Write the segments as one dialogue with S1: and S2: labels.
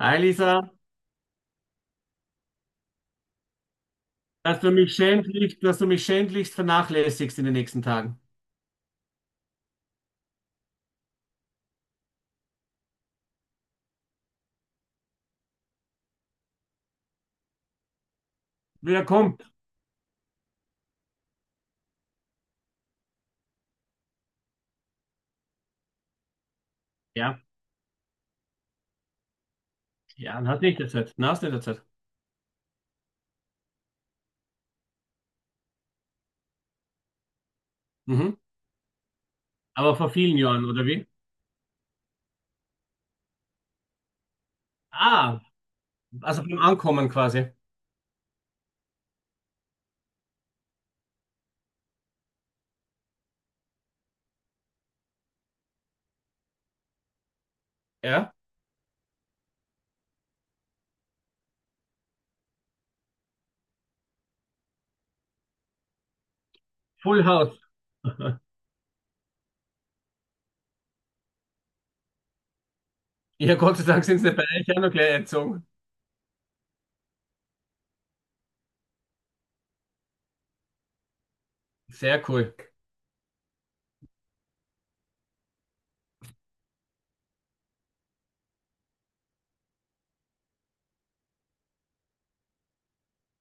S1: Hi Lisa, dass du mich schändlichst, vernachlässigst in den nächsten Tagen. Wieder kommt? Ja, ja, dann hast nicht der Zeit. Na, hast nicht der Zeit. Mhm. Aber vor vielen Jahren, oder wie? Ah, also beim Ankommen quasi. Ja. Full House. Ja, Gott sei Dank sind sie bei euch auch noch gleich eingezogen. Sehr cool.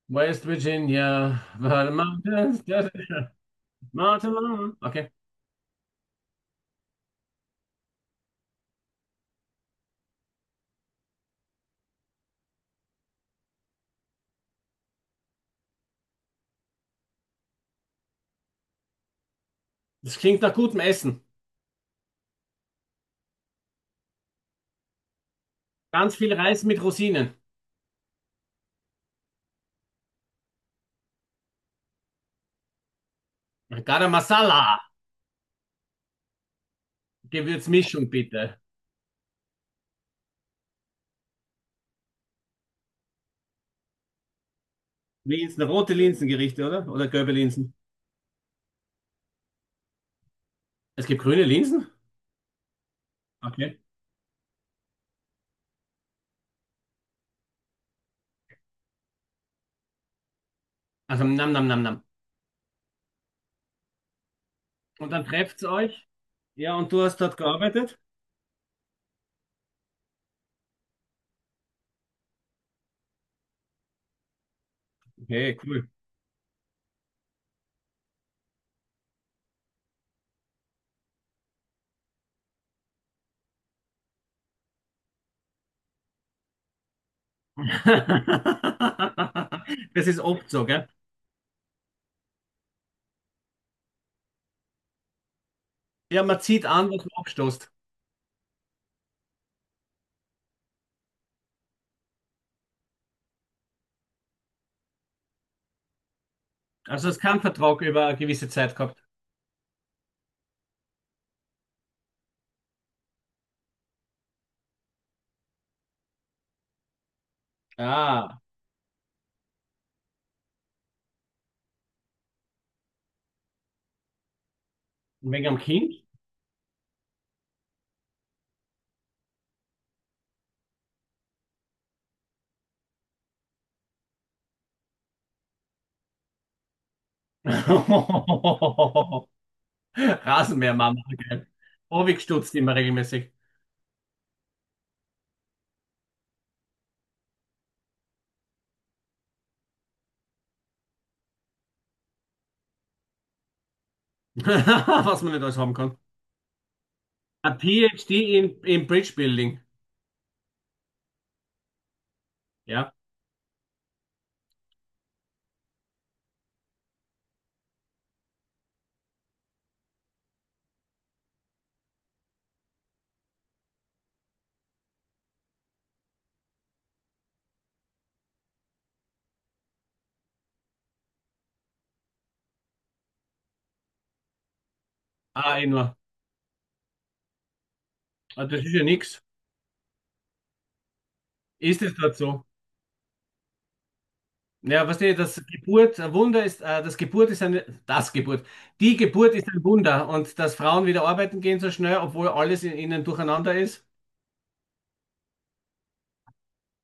S1: West Virginia, where the mountains, mountain. Okay. Das klingt nach gutem Essen. Ganz viel Reis mit Rosinen. Garam Masala. Gewürzmischung bitte. Linsen, rote Linsengerichte, oder? Oder gelbe Linsen? Es gibt grüne Linsen? Okay. Also nam nam nam nam. Und dann trefft's euch. Ja, und du hast dort gearbeitet? Okay, cool. Das ist oft so, gell? Ja, man zieht an, was man abstoßt. Also es kann Vertrag über eine gewisse Zeit gehabt. Ah, und wegen am Kind? Rasenmäher-Mama, gell? Oh, immer regelmäßig. Was man nicht alles haben kann. Ein PhD in Bridge Building. Ja. Ah, eh nur. Also das ist ja nichts. Ist es dort so? Ja, weißt du, das Geburt, ein Wunder ist, das Geburt ist eine, das Geburt, die Geburt ist ein Wunder und dass Frauen wieder arbeiten gehen so schnell, obwohl alles in ihnen durcheinander ist.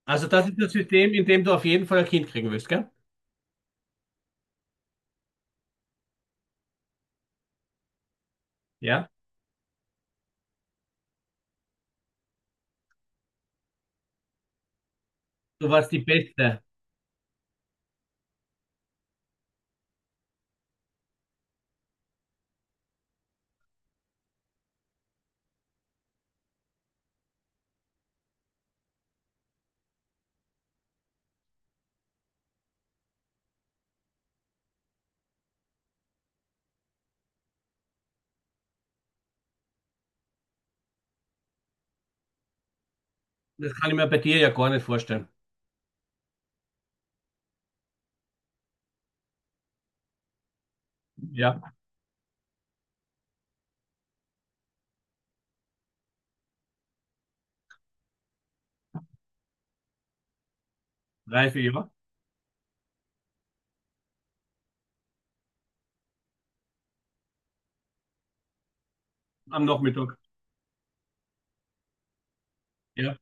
S1: Also das ist das System, in dem du auf jeden Fall ein Kind kriegen willst, gell? Ja. Du warst die Beste. Das kann ich mir bei dir ja gar nicht vorstellen. Ja, reife ja. Am Nachmittag. Ja.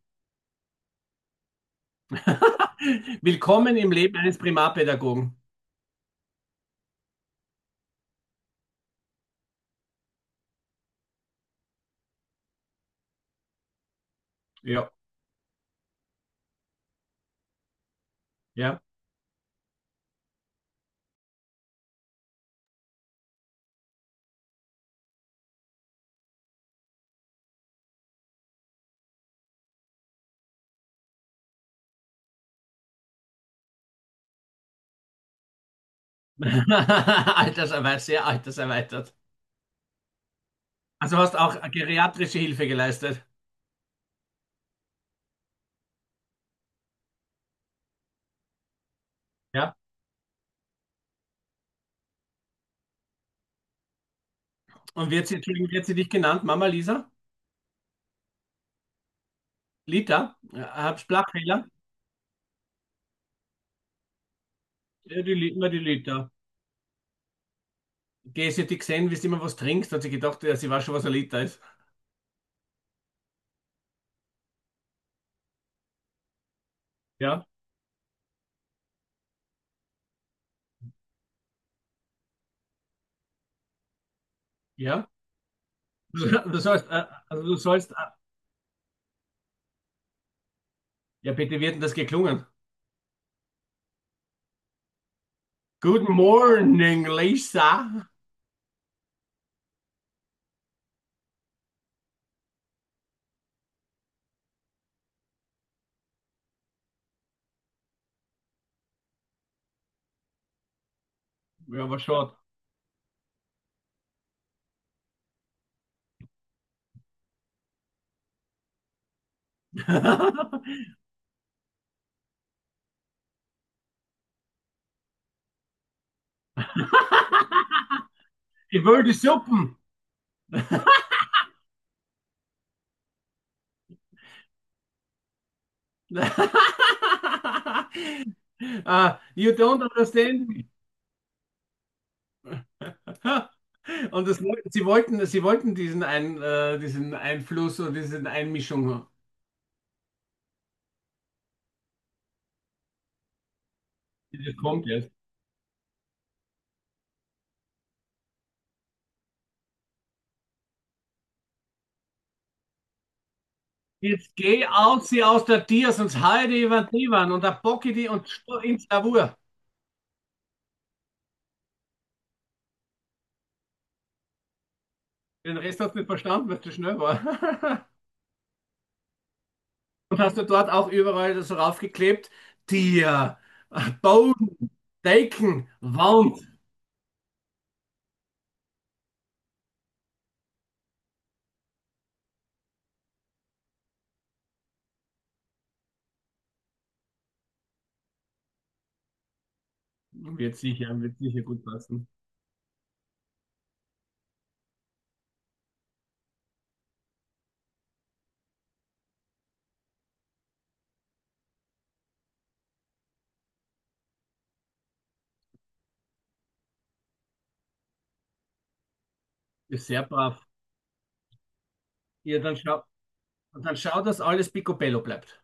S1: Willkommen im Leben eines Primarpädagogen. Ja, ja. Alterserweitert, sehr alterserweitert. Also hast auch geriatrische Hilfe geleistet. Ja. Und wird sie, Entschuldigung, wird sie dich genannt? Mama Lisa? Lita? Ja, Hab Sprachfehler? Ja, die, Li- immer die Lita. Geh, sie hat dich gesehen, wie du immer was trinkst, hat sie gedacht, ja, sie weiß schon, was ein Liter ist. Ja, ja. Du sollst, also du sollst, ja bitte, wie hat denn das geklungen? Good morning, Lisa. Ja, was schade. Ich will die Suppen. Ah, you don't understand. Und das, sie wollten diesen, Ein, diesen Einfluss oder diese Einmischung. Das kommt jetzt. Jetzt geh aus, sie aus der Tier, sonst heide ich über die Wand und da bocke ich die und ins Lavur. Den Rest hast du nicht verstanden, weil du schnell war. Und hast du dort auch überall so raufgeklebt? Tier, Boden, Decken, Wand. Wird sicher gut passen. Ist sehr brav. Ja, dann schau, dass alles picobello bleibt.